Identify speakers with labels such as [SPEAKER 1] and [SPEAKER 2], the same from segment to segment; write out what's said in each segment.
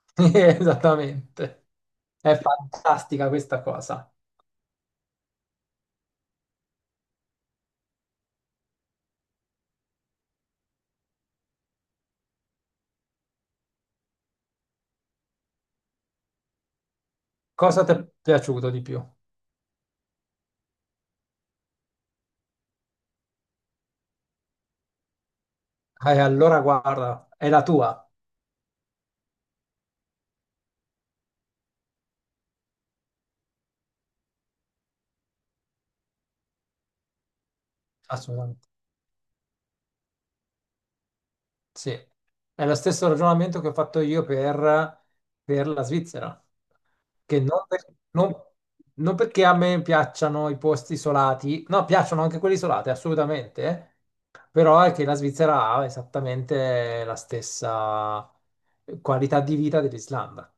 [SPEAKER 1] Esattamente, è fantastica questa cosa. Cosa ti è piaciuto di più? Allora guarda, è la tua, assolutamente. Sì, è lo stesso ragionamento che ho fatto io per la Svizzera, che non, non- non perché a me piacciono i posti isolati, no, piacciono anche quelli isolati, assolutamente, però è che la Svizzera ha esattamente la stessa qualità di vita dell'Islanda.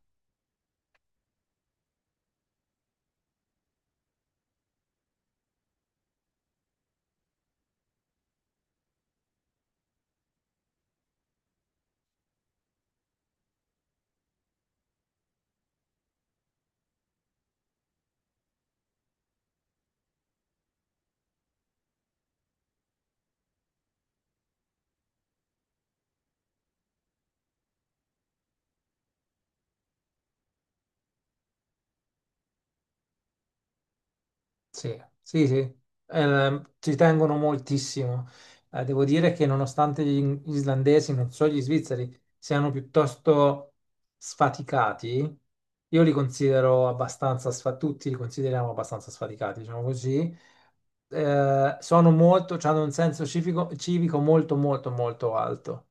[SPEAKER 1] Sì, sì, sì, eh, ci tengono moltissimo. Devo dire che nonostante islandesi, non so, gli svizzeri siano piuttosto sfaticati, io li considero abbastanza sfaticati, tutti li consideriamo abbastanza sfaticati, diciamo così. Sono molto, hanno un senso civico, civico molto, molto, molto alto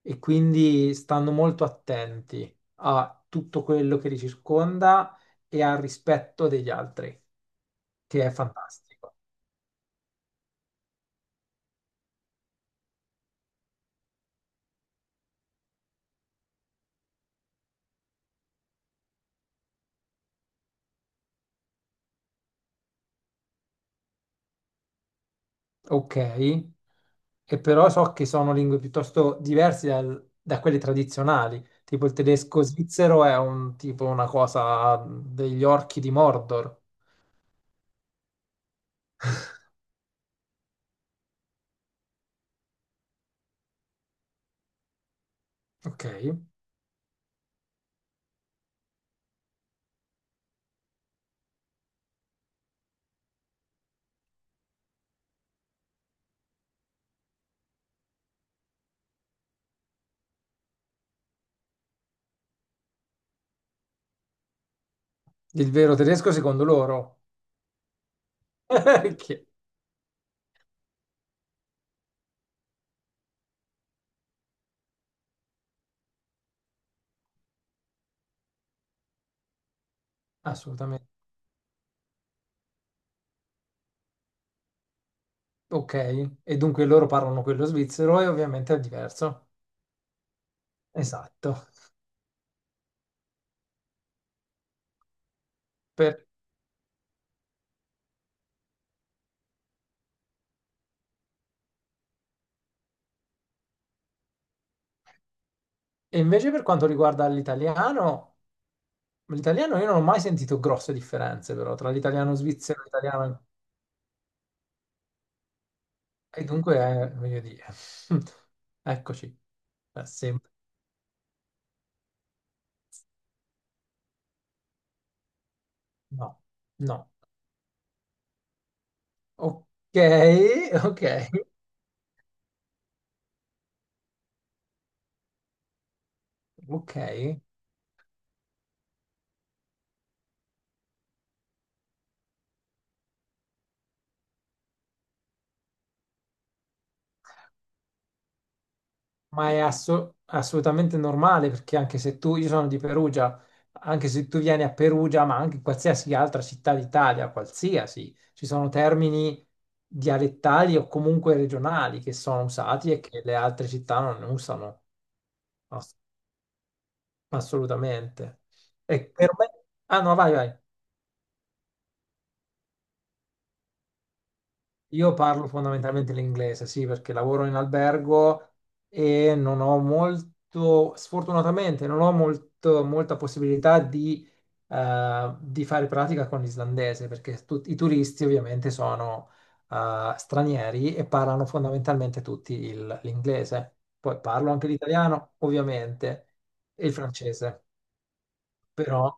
[SPEAKER 1] e quindi stanno molto attenti a tutto quello che li circonda e al rispetto degli altri, che è fantastico. Ok, e però so che sono lingue piuttosto diverse da quelle tradizionali, tipo il tedesco svizzero è un tipo una cosa degli orchi di Mordor. Ok, il vero tedesco secondo loro. Che- Assolutamente. Ok, e dunque loro parlano quello svizzero e ovviamente è diverso. Esatto. Per- E invece per quanto riguarda l'italiano, l'italiano io non ho mai sentito grosse differenze però tra l'italiano svizzero e l'italiano... E dunque, voglio dire, eccoci. Sì. No, no. Ok, ok, ok. Ma è assolutamente normale perché anche se tu, io sono di Perugia, anche se tu vieni a Perugia, ma anche in qualsiasi altra città d'Italia, qualsiasi, ci sono termini dialettali o comunque regionali che sono usati e che le altre città non usano ass- assolutamente. E per me... Ah no, vai, vai. Io parlo fondamentalmente l'inglese, sì, perché lavoro in albergo e non ho molto, sfortunatamente, non ho molto, molta possibilità di fare pratica con l'islandese, perché i turisti ovviamente sono, stranieri e parlano fondamentalmente tutti l'inglese. Poi parlo anche l'italiano, ovviamente, e il francese. Però,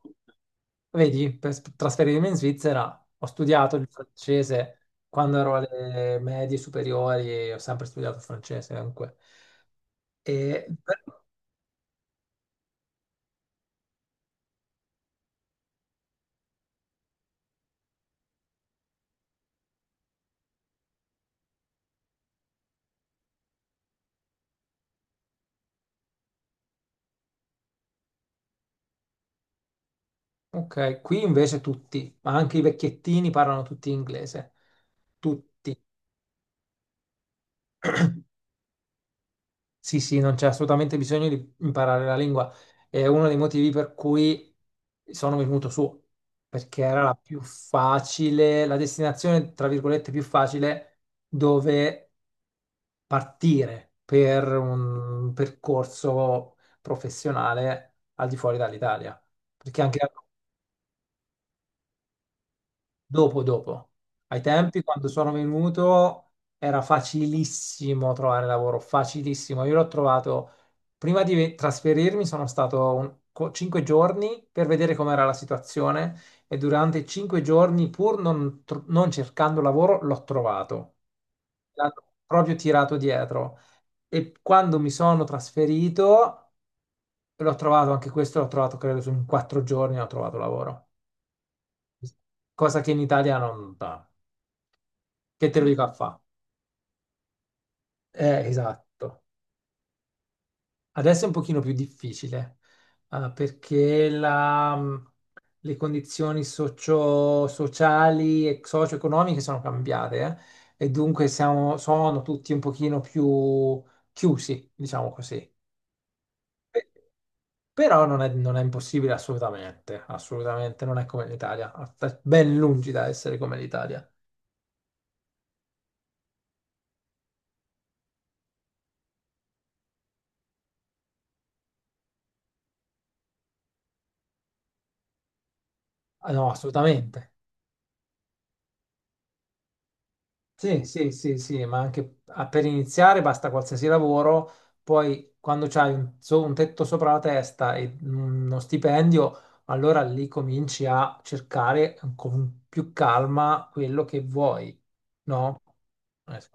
[SPEAKER 1] vedi, per trasferirmi in Svizzera ho studiato il francese quando ero alle medie superiori, e ho sempre studiato il francese comunque. E- ok, qui invece tutti, ma anche i vecchiettini parlano tutti inglese. Tutti. Sì, sì, non c'è assolutamente bisogno di imparare la lingua. È uno dei motivi per cui sono venuto su, perché era la più facile, la destinazione, tra virgolette, più facile dove partire per un percorso professionale al di fuori dall'Italia, perché anche dopo, dopo. Ai tempi, quando sono venuto, era facilissimo trovare lavoro, facilissimo. Io l'ho trovato, prima di trasferirmi, sono stato cinque giorni per vedere com'era la situazione e durante cinque giorni, pur non, non cercando lavoro, l'ho trovato. L'hanno proprio tirato dietro. E quando mi sono trasferito, l'ho trovato, anche questo l'ho trovato, credo, su in quattro giorni ho trovato lavoro. Cosa che in Italia non dà. Che te lo dico a fa. Esatto. Adesso è un pochino più difficile, perché le condizioni sociali e socio-economiche sono cambiate, e dunque sono tutti un pochino più chiusi, diciamo così. Eh, Però non è, non è impossibile assolutamente, assolutamente non è come l'Italia, sta ben lungi da essere come l'Italia. Ah, no, assolutamente. Sì, sì, sì, sì, ma anche per iniziare basta qualsiasi lavoro, poi quando c'hai un, un tetto sopra la testa e uno stipendio, allora lì cominci a cercare con più calma quello che vuoi, no? Sì,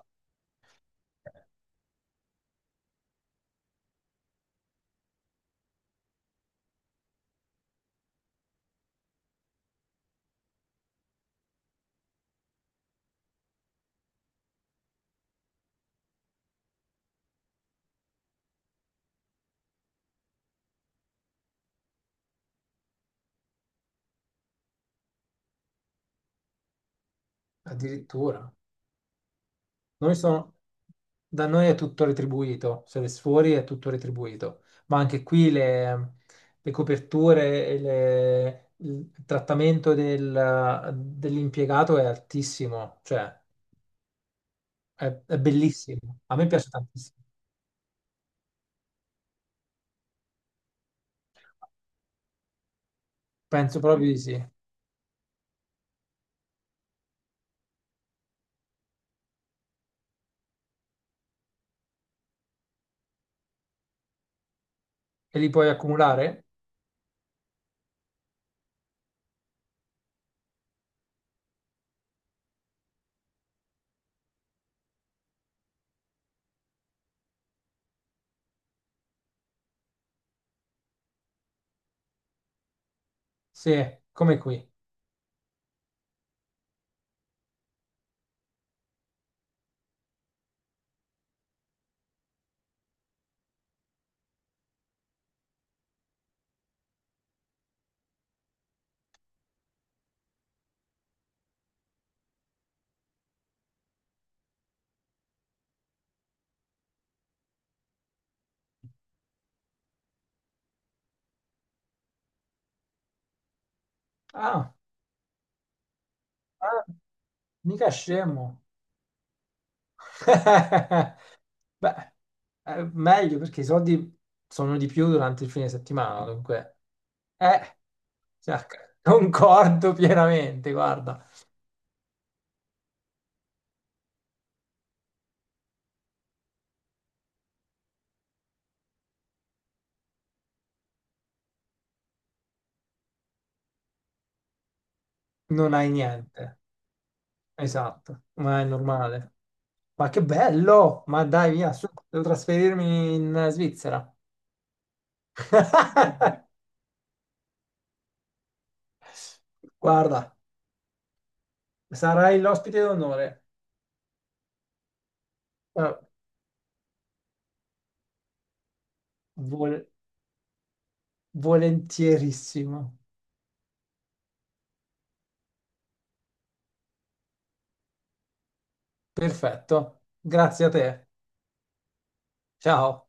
[SPEAKER 1] addirittura. Noi sono- Da noi è tutto retribuito, se le fuori è tutto retribuito, ma anche qui le coperture e il trattamento dell'impiegato è altissimo, cioè è bellissimo. A me piace tantissimo, penso proprio di sì. E li puoi accumulare? Sì, come qui. Ah, ah, mica scemo. Beh, meglio perché i soldi sono di più durante il fine settimana, dunque. Eh, cioè, concordo pienamente, guarda, non hai niente. Esatto, ma è normale. Ma che bello! Ma dai, via, su, devo trasferirmi in Svizzera. Guarda, sarai l'ospite d'onore. Eh, vol- volentierissimo. Perfetto. Grazie a te. Ciao.